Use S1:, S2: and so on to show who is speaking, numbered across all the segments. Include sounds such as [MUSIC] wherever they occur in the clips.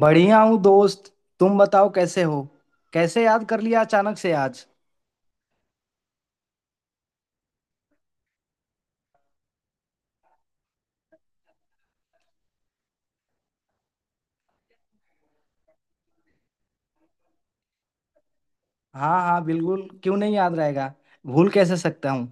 S1: बढ़िया हूँ दोस्त। तुम बताओ कैसे हो। कैसे याद कर लिया अचानक से आज। हाँ हाँ बिल्कुल, क्यों नहीं याद रहेगा। भूल कैसे सकता हूँ।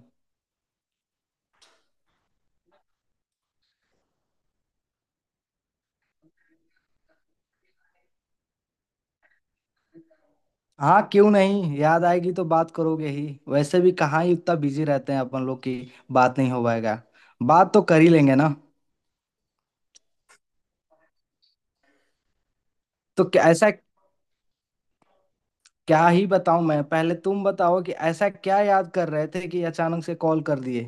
S1: हाँ क्यों नहीं, याद आएगी तो बात करोगे ही, वैसे भी कहाँ ही उतना बिजी रहते हैं अपन लोग की बात नहीं हो पाएगा। बात तो कर ही लेंगे ना। तो क्या ऐसा। क्या ही बताऊं मैं, पहले तुम बताओ कि ऐसा क्या याद कर रहे थे कि अचानक से कॉल कर दिए।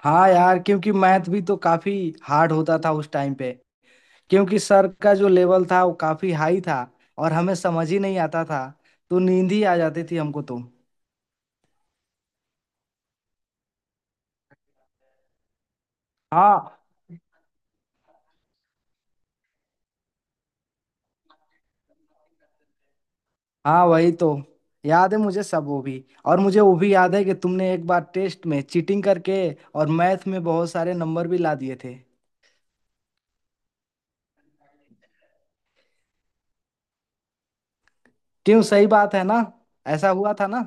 S1: हाँ यार, क्योंकि मैथ भी तो काफी हार्ड होता था उस टाइम पे। क्योंकि सर का जो लेवल था वो काफी हाई था, और हमें समझ ही नहीं आता था, तो नींद ही आ जाती थी हमको तो। हाँ हाँ, वही तो। याद है मुझे सब वो भी, और मुझे वो भी याद है कि तुमने एक बार टेस्ट में चीटिंग करके और मैथ में बहुत सारे नंबर भी ला दिए थे। क्यों, सही बात है ना। ऐसा हुआ था ना।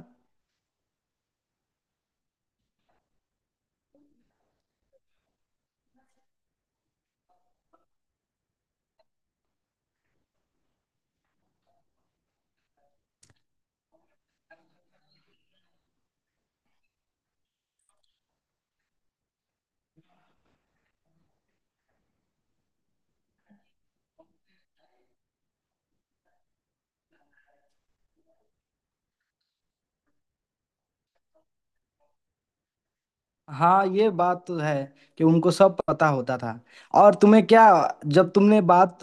S1: हाँ ये बात तो है कि उनको सब पता होता था। और तुम्हें क्या, जब तुमने बात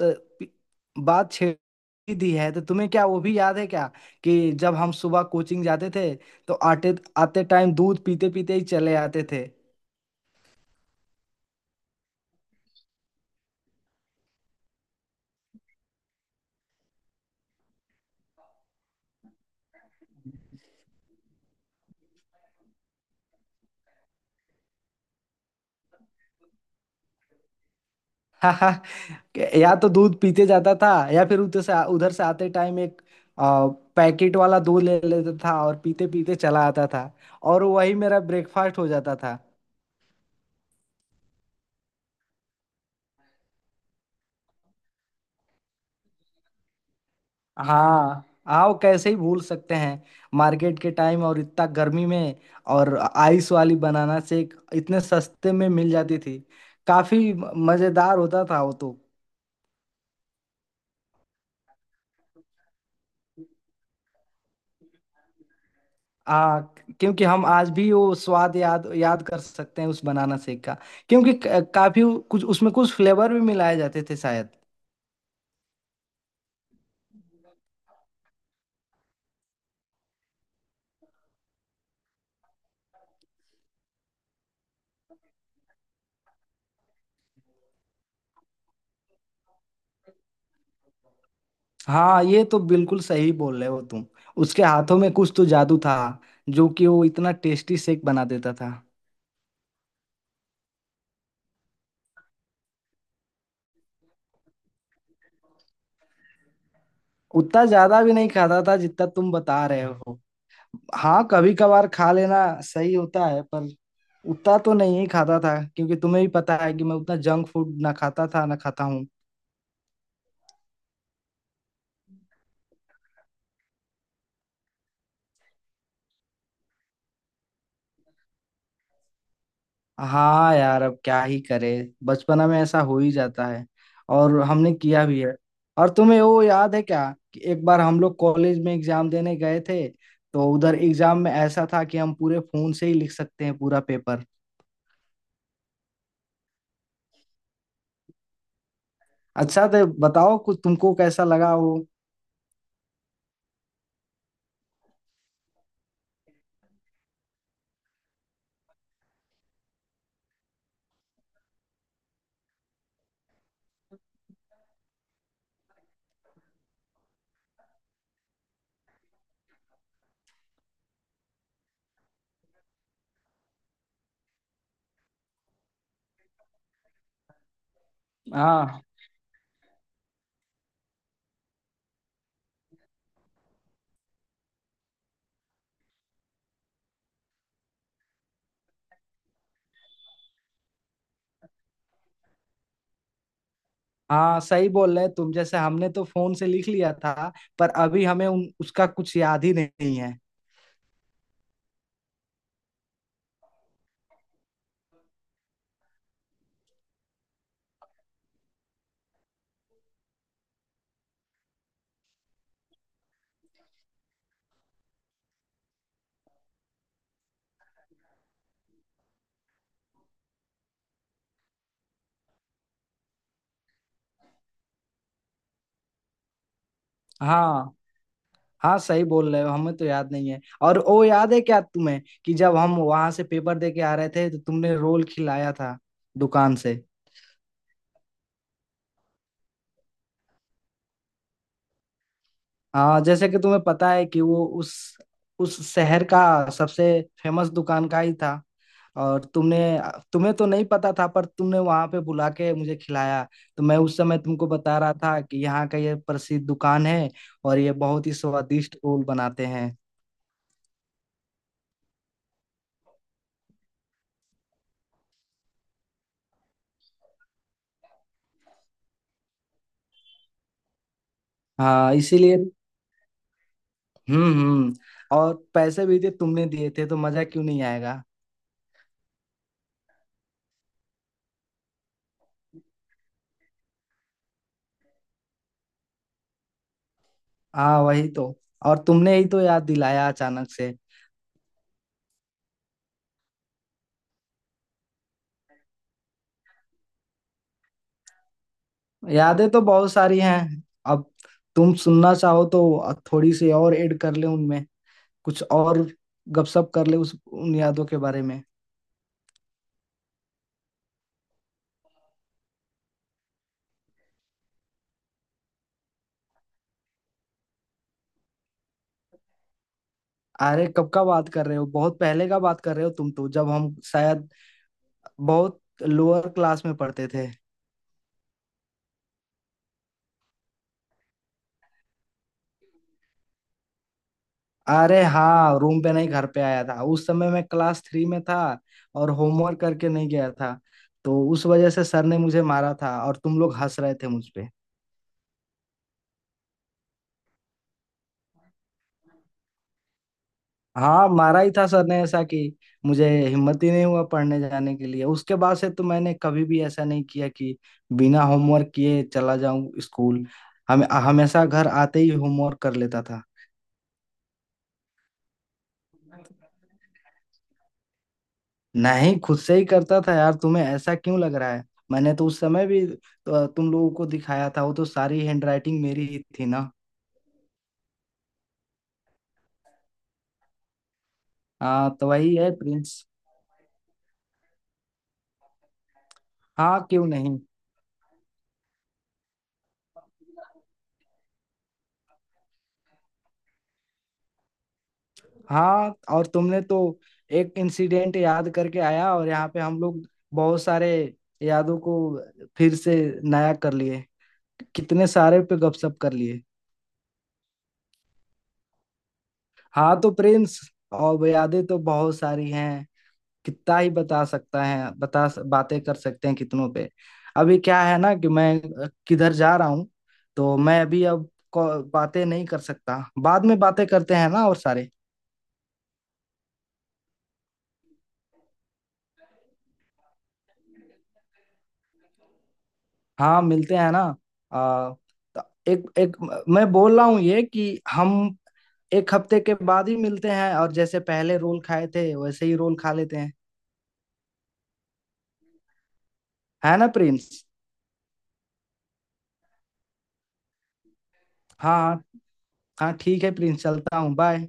S1: बात छेड़ी दी है, तो तुम्हें क्या वो भी याद है क्या कि जब हम सुबह कोचिंग जाते थे, तो आते आते टाइम दूध पीते पीते ही चले आते थे। [LAUGHS] या तो दूध पीते जाता था, या फिर उधर से आते टाइम एक आ, पैकेट वाला दूध ले लेता था और पीते पीते चला आता था, और वही मेरा ब्रेकफास्ट हो जाता था। हाँ। आओ कैसे ही भूल सकते हैं। मार्केट के टाइम, और इतना गर्मी में, और आइस वाली बनाना शेक इतने सस्ते में मिल जाती थी। काफी मजेदार होता था वो तो। आ, क्योंकि हम आज भी वो स्वाद याद याद कर सकते हैं उस बनाना शेक का। क्योंकि काफी कुछ उसमें, कुछ फ्लेवर भी मिलाए जाते थे शायद। हाँ ये तो बिल्कुल सही बोल रहे हो तुम। उसके हाथों में कुछ तो जादू था, जो कि वो इतना टेस्टी शेक बना देता था। उतना ज्यादा भी नहीं खाता था जितना तुम बता रहे हो। हाँ कभी कभार खा लेना सही होता है, पर उतना तो नहीं ही खाता था, क्योंकि तुम्हें भी पता है कि मैं उतना जंक फूड ना खाता था ना खाता हूँ। हाँ यार, अब क्या ही करे, बचपना में ऐसा हो ही जाता है, और हमने किया भी है। और तुम्हें वो याद है क्या कि एक बार हम लोग कॉलेज में एग्जाम देने गए थे, तो उधर एग्जाम में ऐसा था कि हम पूरे फोन से ही लिख सकते हैं पूरा पेपर। अच्छा तो बताओ कुछ, तुमको कैसा लगा वो। हाँ हाँ सही बोल रहे तुम, जैसे हमने तो फोन से लिख लिया था, पर अभी हमें उसका कुछ याद ही नहीं है। हाँ हाँ सही बोल रहे हो, हमें तो याद नहीं है। और वो याद है क्या तुम्हें कि जब हम वहां से पेपर दे के आ रहे थे, तो तुमने रोल खिलाया था दुकान से। हाँ, जैसे कि तुम्हें पता है कि वो उस शहर का सबसे फेमस दुकान का ही था, और तुमने, तुम्हें तो नहीं पता था, पर तुमने वहां पे बुला के मुझे खिलाया, तो मैं उस समय तुमको बता रहा था कि यहाँ का ये प्रसिद्ध दुकान है, और ये बहुत ही स्वादिष्ट ओल बनाते हैं। हाँ इसीलिए। हम्म। और पैसे भी थे, तुमने दिए थे, तो मजा क्यों नहीं आएगा। हाँ वही तो, और तुमने ही तो याद दिलाया अचानक से। यादें तो बहुत सारी हैं, अब तुम सुनना चाहो तो थोड़ी सी और ऐड कर ले उनमें, कुछ और गपशप कर ले उस उन यादों के बारे में। अरे कब का बात कर रहे हो, बहुत पहले का बात कर रहे हो तुम तो, जब हम शायद बहुत लोअर क्लास में पढ़ते थे। अरे हाँ रूम पे नहीं, घर पे आया था, उस समय मैं क्लास थ्री में था और होमवर्क करके नहीं गया था, तो उस वजह से सर ने मुझे मारा था, और तुम लोग हंस रहे थे मुझ पे। हाँ मारा ही था सर ने ऐसा कि मुझे हिम्मत ही नहीं हुआ पढ़ने जाने के लिए। उसके बाद से तो मैंने कभी भी ऐसा नहीं किया कि बिना होमवर्क किए चला जाऊं स्कूल। हम हमेशा घर आते ही होमवर्क कर लेता था। नहीं खुद से ही करता था यार, तुम्हें ऐसा क्यों लग रहा है। मैंने तो उस समय भी तुम लोगों को दिखाया था, वो तो सारी हैंडराइटिंग मेरी ही थी ना। हाँ तो वही है प्रिंस। हाँ क्यों नहीं। हाँ और तुमने तो एक इंसिडेंट याद करके आया, और यहाँ पे हम लोग बहुत सारे यादों को फिर से नया कर लिए, कितने सारे पे गपशप कर लिए। हाँ तो प्रिंस, और यादें तो बहुत सारी हैं, कितना ही बता सकता है बता बातें कर सकते हैं कितनों पे। अभी क्या है ना कि मैं किधर जा रहा हूँ, तो मैं अभी अब बातें नहीं कर सकता। बाद में बातें करते हैं ना और सारे। हाँ मिलते हैं ना। तो एक एक मैं बोल रहा हूँ ये कि हम एक हफ्ते के बाद ही मिलते हैं, और जैसे पहले रोल खाए थे वैसे ही रोल खा लेते हैं। है ना प्रिंस। हाँ हाँ। हाँ ठीक है प्रिंस, चलता हूँ, बाय।